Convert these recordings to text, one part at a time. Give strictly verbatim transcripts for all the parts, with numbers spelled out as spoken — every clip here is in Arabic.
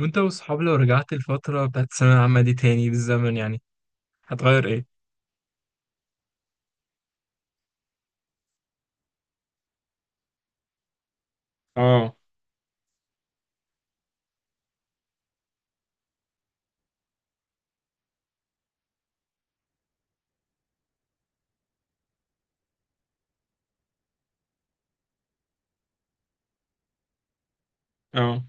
وانت واصحاب لو رجعت الفترة بتاعت الثانوية العامة دي تاني بالزمن يعني هتغير ايه؟ اه اه.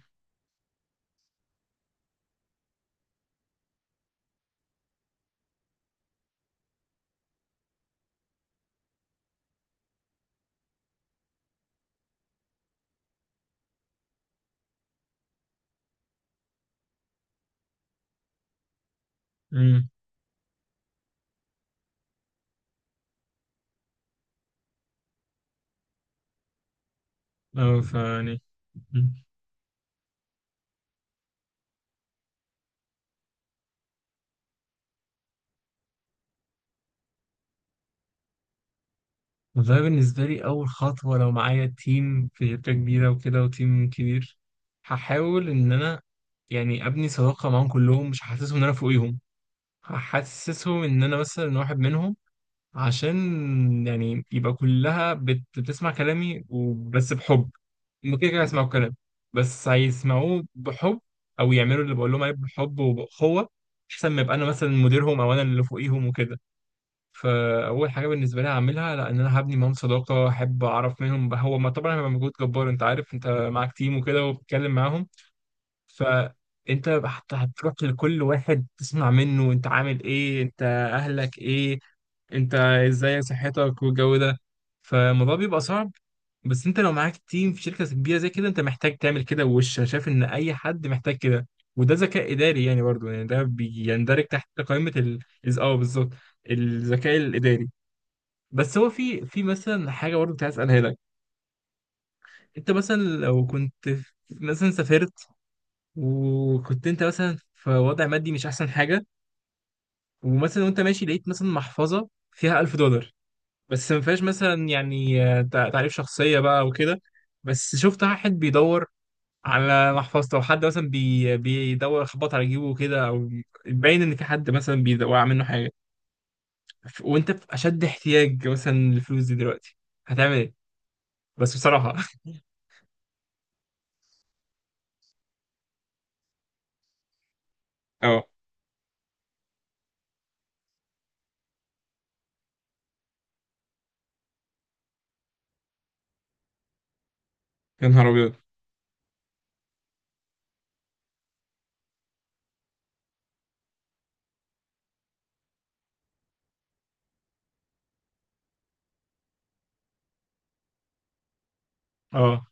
امم. اه، فيعني. مم. والله بالنسبة لي أول خطوة لو معايا تيم في شركة كبيرة وكده وتيم كبير، هحاول إن أنا يعني أبني صداقة معاهم كلهم، مش هحسسهم إن أنا فوقيهم، هحسسهم إن أنا مثلا واحد منهم، عشان يعني يبقى كلها بت... بتسمع كلامي وبس بحب. هم كده كده هيسمعوا كلامي بس هيسمعوه بحب، او يعملوا اللي بقول لهم عليه بحب وبأخوة، احسن ما يبقى انا مثلا مديرهم او انا اللي فوقيهم وكده. فاول حاجه بالنسبه لي هعملها، لا، ان انا هبني معاهم صداقه، احب اعرف منهم هو، ما طبعا هيبقى مجهود جبار، انت عارف انت معاك تيم وكده وبتتكلم معاهم. فانت هت- هتروح لكل واحد تسمع منه انت عامل ايه، انت اهلك ايه، انت ازاي، صحتك والجو ده، فالموضوع بيبقى صعب. بس انت لو معاك تيم في شركة كبيرة زي كده، انت محتاج تعمل كده، وش انا شايف ان اي حد محتاج كده. وده ذكاء اداري يعني، برضو يعني ده بيندرج تحت قائمة ال إز- اه بالظبط، الذكاء الاداري. بس هو في في مثلا حاجة برضو كنت عايز اسالها لك. انت مثلا لو كنت في- مثلا سافرت، وكنت انت مثلا في وضع مادي مش احسن حاجه، ومثلا وانت ماشي لقيت مثلا محفظه فيها ألف دولار، بس ما فيهاش مثلا يعني آه، تع- تعريف شخصيه بقى وكده، بس شفت واحد بيدور على محفظته، او حد مثلا بي بيدور خبط على جيبه كده، او باين ان في حد مثلا بيوقع منه حاجه، ف- وانت في اشد احتياج مثلا للفلوس دي دلوقتي، هتعمل ايه؟ بس بصراحه اه. يا نهار ابيض. اه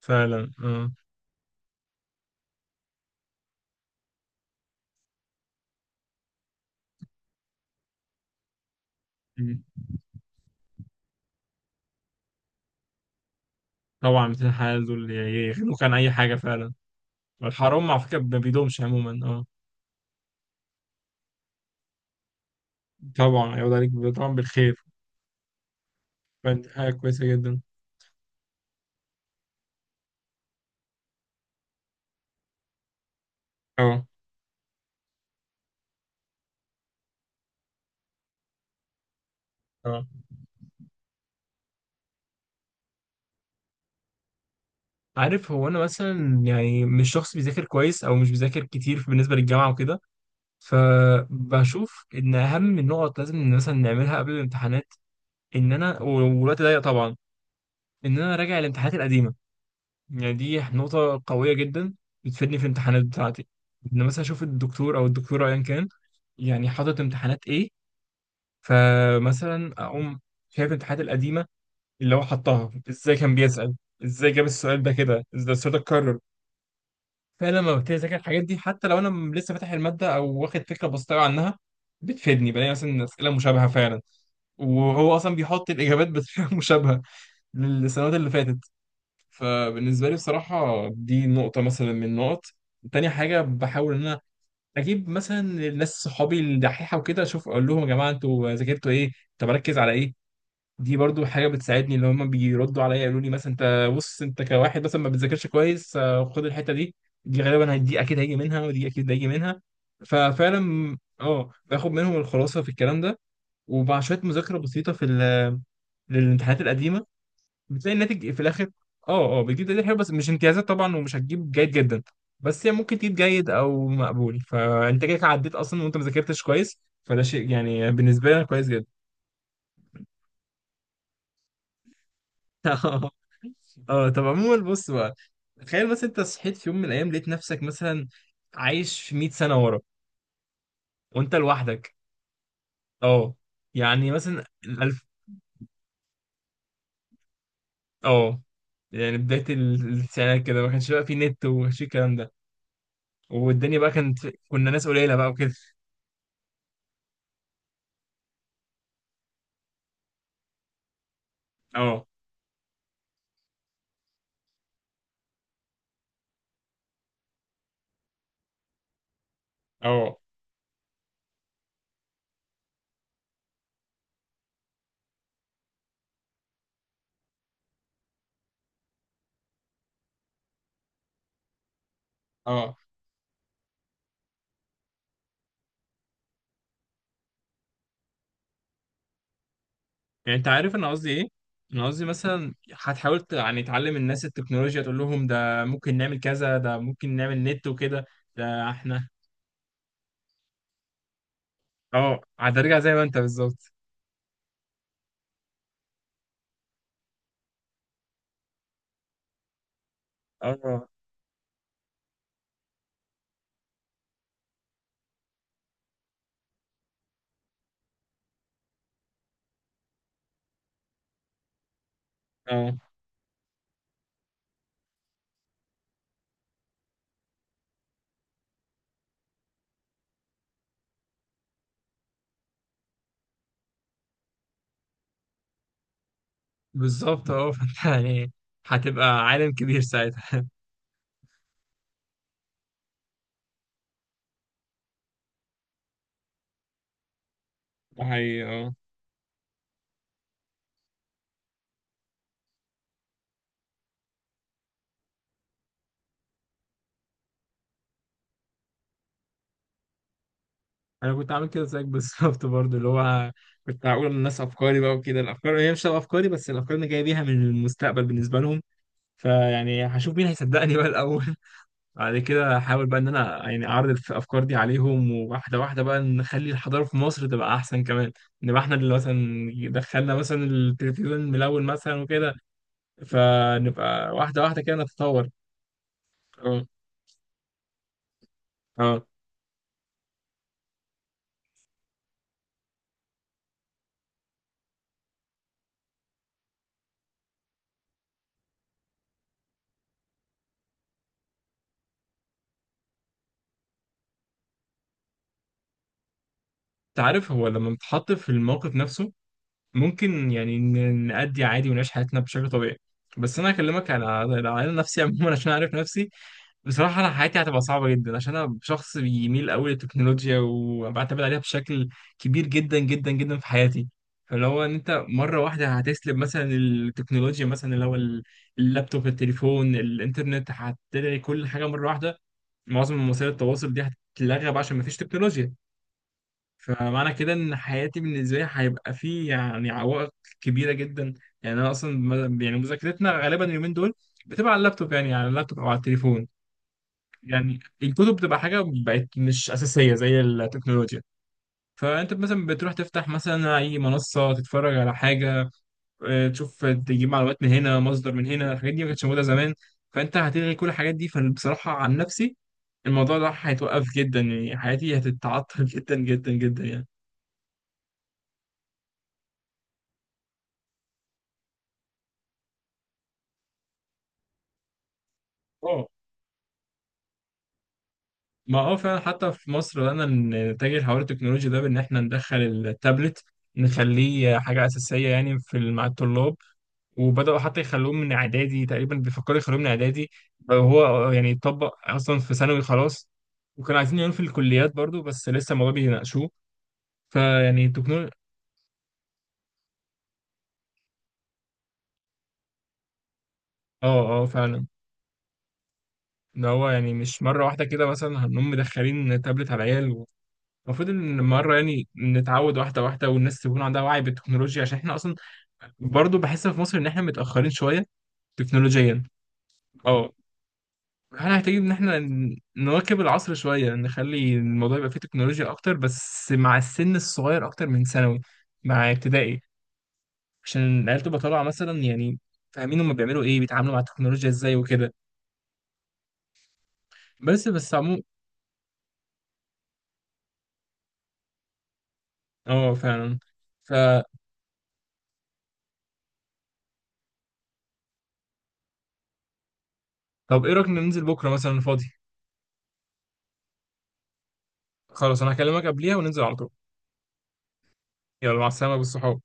فعلا. اه. مم. طبعا مثل الحال دول يغنوك عن اي حاجه فعلا. الحرام على فكرة ما بيدومش عموما. اه طبعا يعود عليك، طبعا بالخير، فدي حاجة كويسة جدا. اه. اه عارف، هو انا مثلا يعني مش شخص بيذاكر كويس او مش بيذاكر كتير بالنسبة للجامعة وكده، فبشوف ان اهم النقط لازم مثلا نعملها قبل الامتحانات، ان انا والوقت ضيق طبعا، ان انا راجع الامتحانات القديمة. يعني دي نقطة قوية جدا، بتفيدني في الامتحانات بتاعتي. ان مثلا اشوف الدكتور او الدكتورة ايا كان يعني حاطط امتحانات ايه، فمثلا اقوم شايف الامتحانات القديمه اللي هو حطها ازاي، كان بيسال ازاي، جاب السؤال ده كده ازاي، ده السؤال ده اتكرر. فلما ببتدي اذاكر الحاجات دي، حتى لو انا م- لسه فاتح الماده او واخد فكره بسيطه أوي عنها، بتفيدني، بلاقي مثلا اسئله مشابهه فعلا، وهو اصلا بيحط الاجابات بطريقه مشابهه للسنوات اللي فاتت. فبالنسبه لي بصراحه دي نقطه مثلا من النقط. تاني حاجه بحاول ان انا اجيب مثلا الناس صحابي الدحيحه وكده، اشوف اقول لهم يا جماعه انتوا ذاكرتوا ايه، طب اركز على ايه، دي برضو حاجة بتساعدني. اللي هما بيردوا عليا يقولوا لي مثلا انت بص، انت كواحد مثلا ما بتذاكرش كويس، آه، خد الحتة دي، دي غالبا هي- دي اكيد هيجي منها، ودي اكيد هيجي منها. ففعلا اه باخد منهم الخلاصة في الكلام ده. ومع شوية مذاكرة بسيطة في ال- للامتحانات القديمة، بتلاقي الناتج في الاخر. اه اه بتجيب تقدير حلو، بس مش امتيازات طبعا، ومش هتجيب جيد جدا، بس هي ممكن تجيب جيد او مقبول، فانت كده عديت اصلا وانت ما ذاكرتش كويس. فده شيء يعني بالنسبة لي انا كويس جدا. اه. اه طب عموما بص بقى، تخيل مثلا انت صحيت في يوم من الايام لقيت نفسك مثلا عايش في مئة سنه ورا، وانت لوحدك. اه يعني مثلا الالف. اه يعني بدايه ال- التسعينات كده، ما كانش بقى في نت، وما كانش في الكلام ده، والدنيا بقى كانت، كنا ناس قليله بقى وكده. اه. اه. اه يعني انت عارف انا قصدي ايه؟ انا قصدي مثلا هتحاول ت- يعني تعلم الناس التكنولوجيا، تقول لهم ده ممكن نعمل كذا، ده ممكن نعمل نت وكده. ده احنا، اه هترجع زي ما انت بالظبط. اه. اه بالظبط. اه فانت يعني هتبقى عالم كبير ساعتها. ده حقيقي اه. انا كنت عامل كده زيك بالظبط برضو، اللي هو كنت هقول للناس افكاري بقى وكده، الافكار هي مش تبقى افكاري بس، الافكار اللي جاي بيها من المستقبل بالنسبه لهم، فيعني هشوف مين هيصدقني بقى الاول. بعد كده هحاول بقى ان انا يعني اعرض الافكار دي عليهم، وواحده واحده بقى نخلي الحضاره في مصر تبقى احسن كمان، نبقى احنا اللي مثلا دخلنا مثلا التلفزيون ملون مثلا وكده، فنبقى واحدة واحدة كده نتطور. اه. اه انت عارف، هو لما بنتحط في الموقف نفسه، ممكن يعني ن- نأدي عادي ونعيش حياتنا بشكل طبيعي، بس انا اكلمك على على على نفسي عموما عشان اعرف نفسي. بصراحة انا حياتي هتبقى صعبة جدا، عشان انا شخص بيميل قوي للتكنولوجيا وبعتمد عليها بشكل كبير جدا جدا جدا في حياتي. فاللي هو ان انت مرة واحدة هتسلب مثلا التكنولوجيا، مثلا اللي هو ال- اللابتوب، التليفون، الانترنت، هتلاقي كل حاجة مرة واحدة معظم وسائل التواصل دي هتتلغى بقى، عشان مفيش تكنولوجيا. فمعنى كده ان حياتي بالنسبه لي هيبقى فيه يعني عوائق كبيره جدا. يعني انا اصلا م- يعني مذاكرتنا غالبا اليومين دول بتبقى على اللابتوب، يعني على اللابتوب او على التليفون. يعني الكتب بتبقى حاجه بقت مش اساسيه زي التكنولوجيا، فانت مثلا بتروح تفتح مثلا اي منصه تتفرج على حاجه، آه، تشوف، تجيب معلومات من هنا، مصدر من هنا، الحاجات دي ما كانتش موجوده زمان، فانت هتلغي كل الحاجات دي. فبصراحه عن نفسي الموضوع ده هيتوقف جدا، يعني حياتي هتتعطل جدا جدا جدا يعني. اه. ما اه فعلا، حتى في مصر بدأنا نتجه لحوار التكنولوجيا ده، بإن إحنا ندخل التابلت، نخليه حاجة أساسية يعني في مع الطلاب، وبدأوا حتى يخلوه من إعدادي، تقريبا بيفكروا يخلوه من إعدادي، وهو يعني يطبق أصلا في ثانوي خلاص، وكانوا عايزين يعملوا في الكليات برضو بس لسه الموضوع بيناقشوه. فيعني التكنولوجيا. اه اه فعلا، ده هو يعني مش مرة واحدة كده مثلا هنقوم مدخلين تابلت على العيال، المفروض ان مرة يعني نتعود واحدة واحدة والناس تكون عندها وعي بالتكنولوجيا، عشان احنا اصلا برضو بحس في مصر ان احنا متأخرين شوية تكنولوجيا. اه احنا محتاجين ان احنا ن- نواكب العصر شوية، نخلي الموضوع يبقى فيه تكنولوجيا اكتر، بس مع السن الصغير اكتر من ثانوي، مع ابتدائي، عشان العيال تبقى طالعة مثلا يعني فاهمين هما بيعملوا ايه، بيتعاملوا مع التكنولوجيا ازاي وكده. بس بس عموما اه فعلا. ف طب ايه رأيك ننزل بكرة مثلا فاضي؟ خلاص، انا هكلمك قبليها وننزل على طول. يلا مع السلامة بالصحاب.